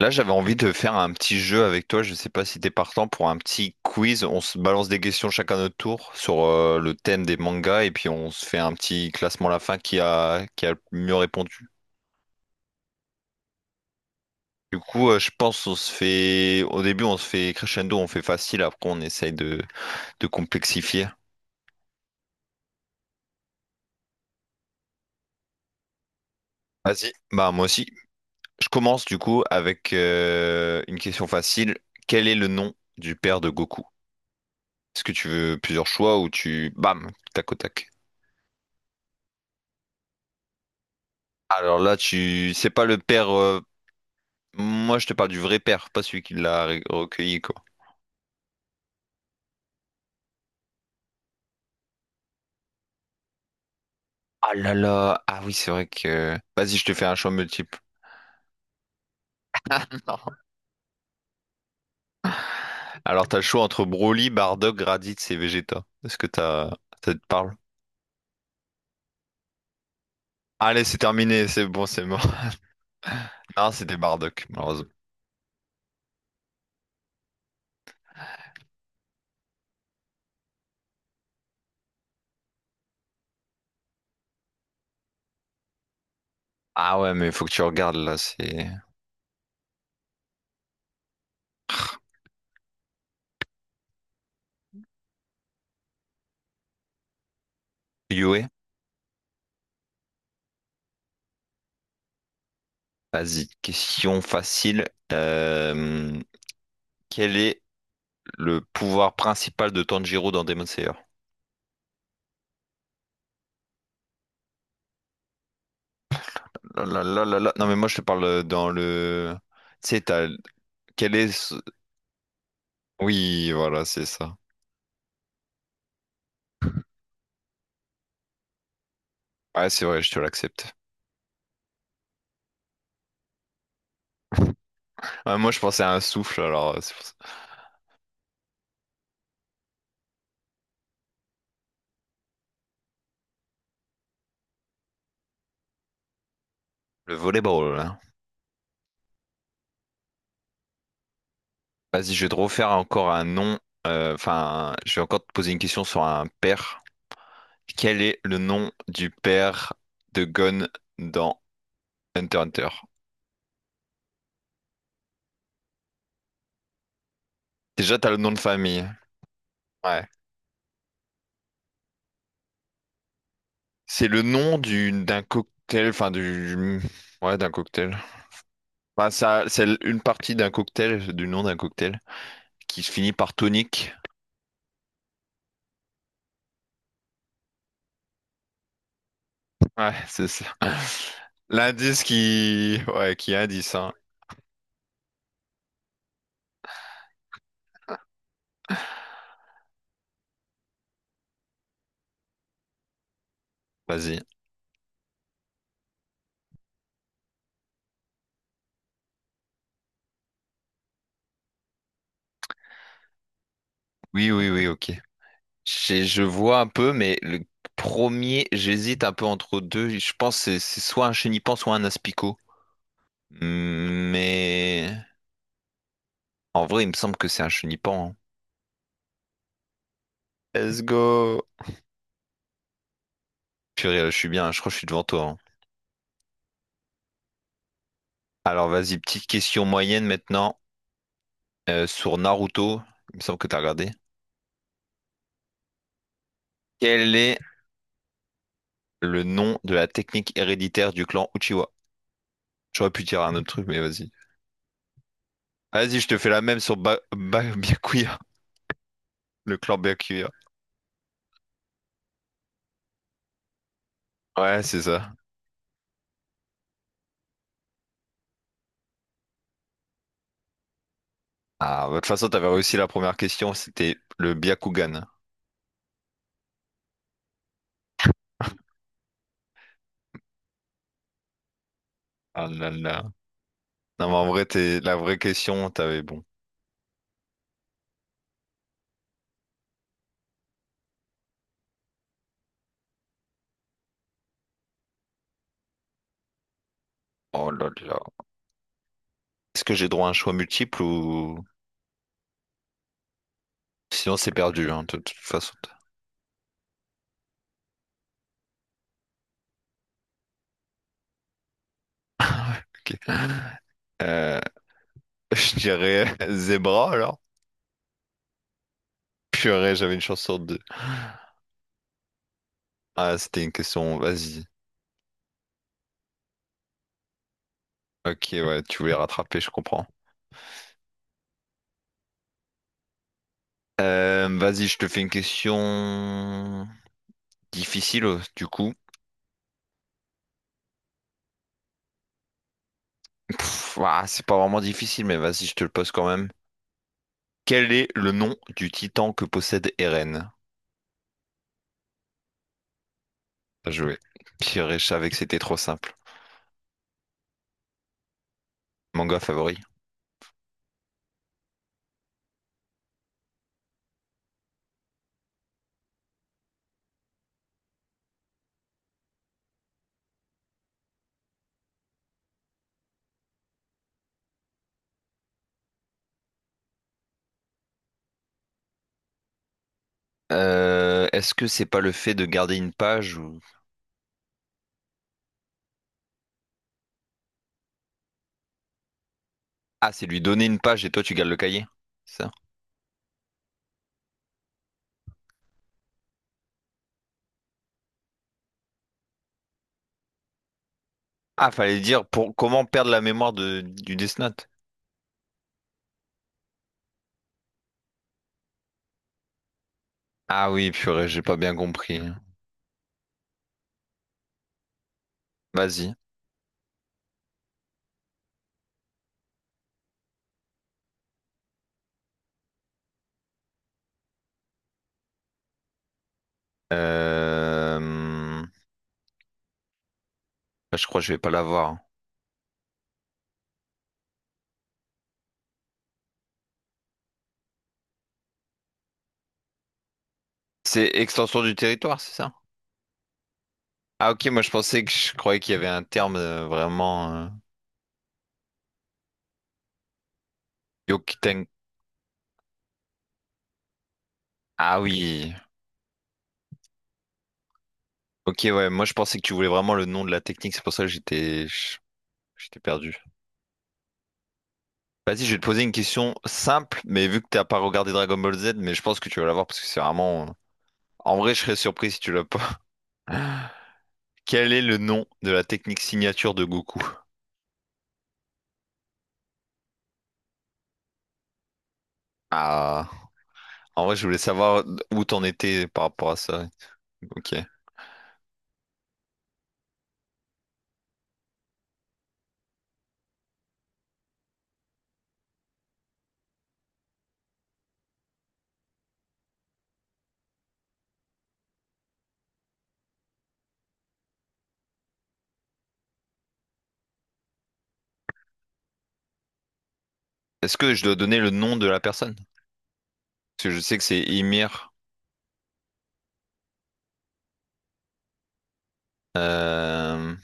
Là, j'avais envie de faire un petit jeu avec toi. Je sais pas si t'es partant pour un petit quiz. On se balance des questions chacun à notre tour sur le thème des mangas et puis on se fait un petit classement à la fin qui a le mieux répondu. Du coup, je pense on se fait crescendo, on fait facile. Après, on essaye de complexifier. Vas-y. Bah moi aussi. Je commence du coup avec une question facile. Quel est le nom du père de Goku? Est-ce que tu veux plusieurs choix ou tu bam, tac au tac? Alors là, c'est pas le père. Moi, je te parle du vrai père, pas celui qui l'a recueilli, quoi. Ah là là, ah oui, c'est vrai que. Vas-y, je te fais un choix multiple. Non. Alors, t'as le choix entre Broly, Bardock, Raditz et Vegeta. Ça te parle? Allez, c'est terminé, c'est bon, c'est mort. Non, c'était Bardock, malheureusement. Ah ouais, mais faut que tu regardes là, c'est. Yue, vas-y, question facile. Euh, Quel est le pouvoir principal de Tanjiro dans Demon Slayer? Là, là, là, là, là. Non, mais moi, je te parle dans le... Tu sais, t'as... Quel est... ce- Oui, voilà, c'est ça. Ouais, c'est vrai, je te l'accepte. Ouais, moi, je pensais à un souffle, alors... c'est pour ça. Le volleyball, hein. Vas-y, je vais te refaire encore un nom. Enfin, je vais encore te poser une question sur un père. Quel est le nom du père de Gon dans Hunter x Hunter? Déjà, t'as le nom de famille. Ouais. C'est le nom du d'un cocktail, enfin du... Ouais, d'un cocktail. Bah, ça, c'est une partie d'un cocktail, du nom d'un cocktail, qui se finit par tonique. Ouais, c'est ça. L'indice qui... Ouais, qui indice, hein. Vas-y. Oui, oui, oui, ok. Je vois un peu, mais le premier, j'hésite un peu entre deux. Je pense que c'est soit un chenipan, soit un aspicot. Mais... En vrai, il me semble que c'est un chenipan, hein. Let's go! Purée, je suis bien, je crois que je suis devant toi, hein. Alors, vas-y, petite question moyenne maintenant. Sur Naruto, il me semble que t'as regardé. Quel est le nom de la technique héréditaire du clan Uchiwa? J'aurais pu dire un autre truc, mais vas-y. Vas-y, je te fais la même sur Byakuya, le clan Byakuya. Ouais, c'est ça. Ah, bah, de toute façon, t'avais réussi la première question, c'était le Byakugan. Ah là là. Non, mais en vrai, t'es... la vraie question, t'avais bon. Oh là là. Est-ce que j'ai droit à un choix multiple ou... Sinon, c'est perdu, hein, de toute façon. Ok. Euh, je dirais Zebra, alors. Purée, j'avais une chance sur deux. Ah, c'était une question, vas-y. Ok, ouais, tu voulais rattraper, je comprends. Vas-y, je te fais une question difficile, du coup. Pff, ouah, c'est pas vraiment difficile, mais vas-y, je te le pose quand même. Quel est le nom du titan que possède Eren? Bien joué. Purée, je savais que c'était trop simple. Manga favori. Est-ce que c'est pas le fait de garder une page ou... Ah, c'est lui donner une page et toi tu gardes le cahier. C'est ça. Ah, fallait dire pour comment perdre la mémoire de... du Death Note. Ah oui, purée, j'ai pas bien compris. Vas-y. Euh, Je crois que je vais pas l'avoir. C'est extension du territoire, c'est ça? Ah ok, moi je pensais que je croyais qu'il y avait un terme vraiment Yokuten. Ah oui. Ok, ouais, moi je pensais que tu voulais vraiment le nom de la technique, c'est pour ça que j'étais perdu. Vas-y, je vais te poser une question simple, mais vu que t'as pas regardé Dragon Ball Z, mais je pense que tu vas l'avoir parce que c'est vraiment. En vrai, je serais surpris si tu l'as pas. Quel est le nom de la technique signature de Goku? Ah, en vrai, je voulais savoir où t'en étais par rapport à ça. Ok. Est-ce que je dois donner le nom de la personne? Parce que je sais que c'est Ymir. Euh,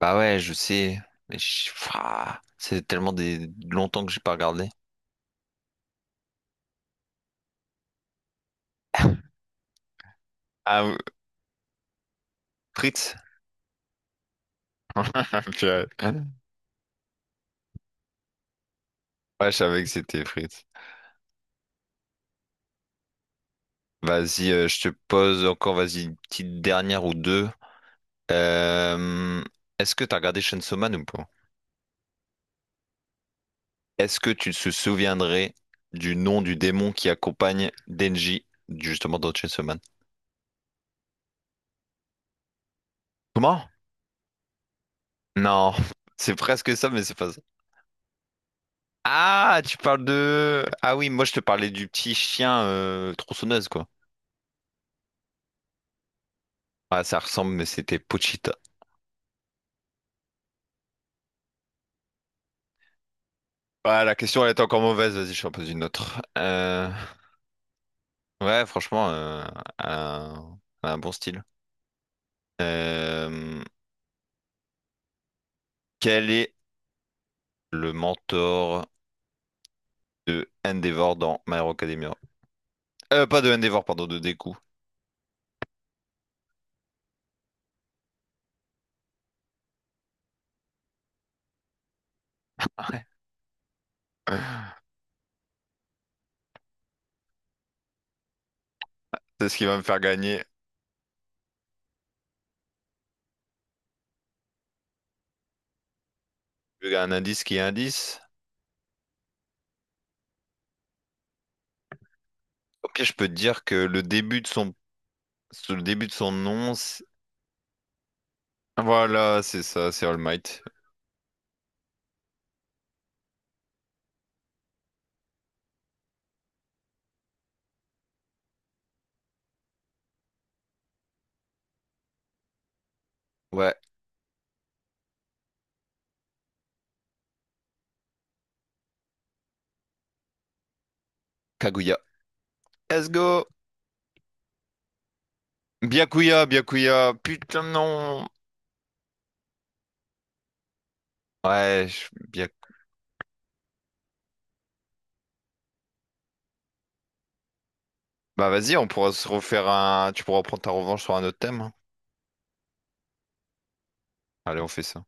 Bah ouais, je sais. Ouah, c'est tellement des... longtemps que j'ai pas regardé. Ah, ou- Fritz? Purée. Ouais, je savais que c'était Fritz. Vas-y, je te pose encore, vas-y, une petite dernière ou deux. Euh, Est-ce que t'as regardé Chainsaw Man ou pas? Est-ce que tu te souviendrais du nom du démon qui accompagne Denji, justement dans Chainsaw Man? Comment? Non, c'est presque ça, mais c'est pas ça. Ah, tu parles de... Ah oui, moi je te parlais du petit chien tronçonneuse, quoi. Ah, ça ressemble, mais c'était Pochita. Ah, la question, elle est encore mauvaise, vas-y, je t'en pose une autre. Ouais, franchement, un bon style. Euh, Quel est le mentor de Endeavor dans My Hero Academia? Pas de Endeavor, pardon, de Deku. Ouais. C'est ce qui va me faire gagner. Il y a un indice qui est indice. Ok, je peux te dire que le début de son nom, voilà, c'est ça, c'est All Might. Ouais, Kaguya. Let's go! Byakuya, Byakuya, putain non! Ouais, je- Byak- bah vas-y, on pourra se refaire un... Tu pourras prendre ta revanche sur un autre thème, hein. Allez, on fait ça.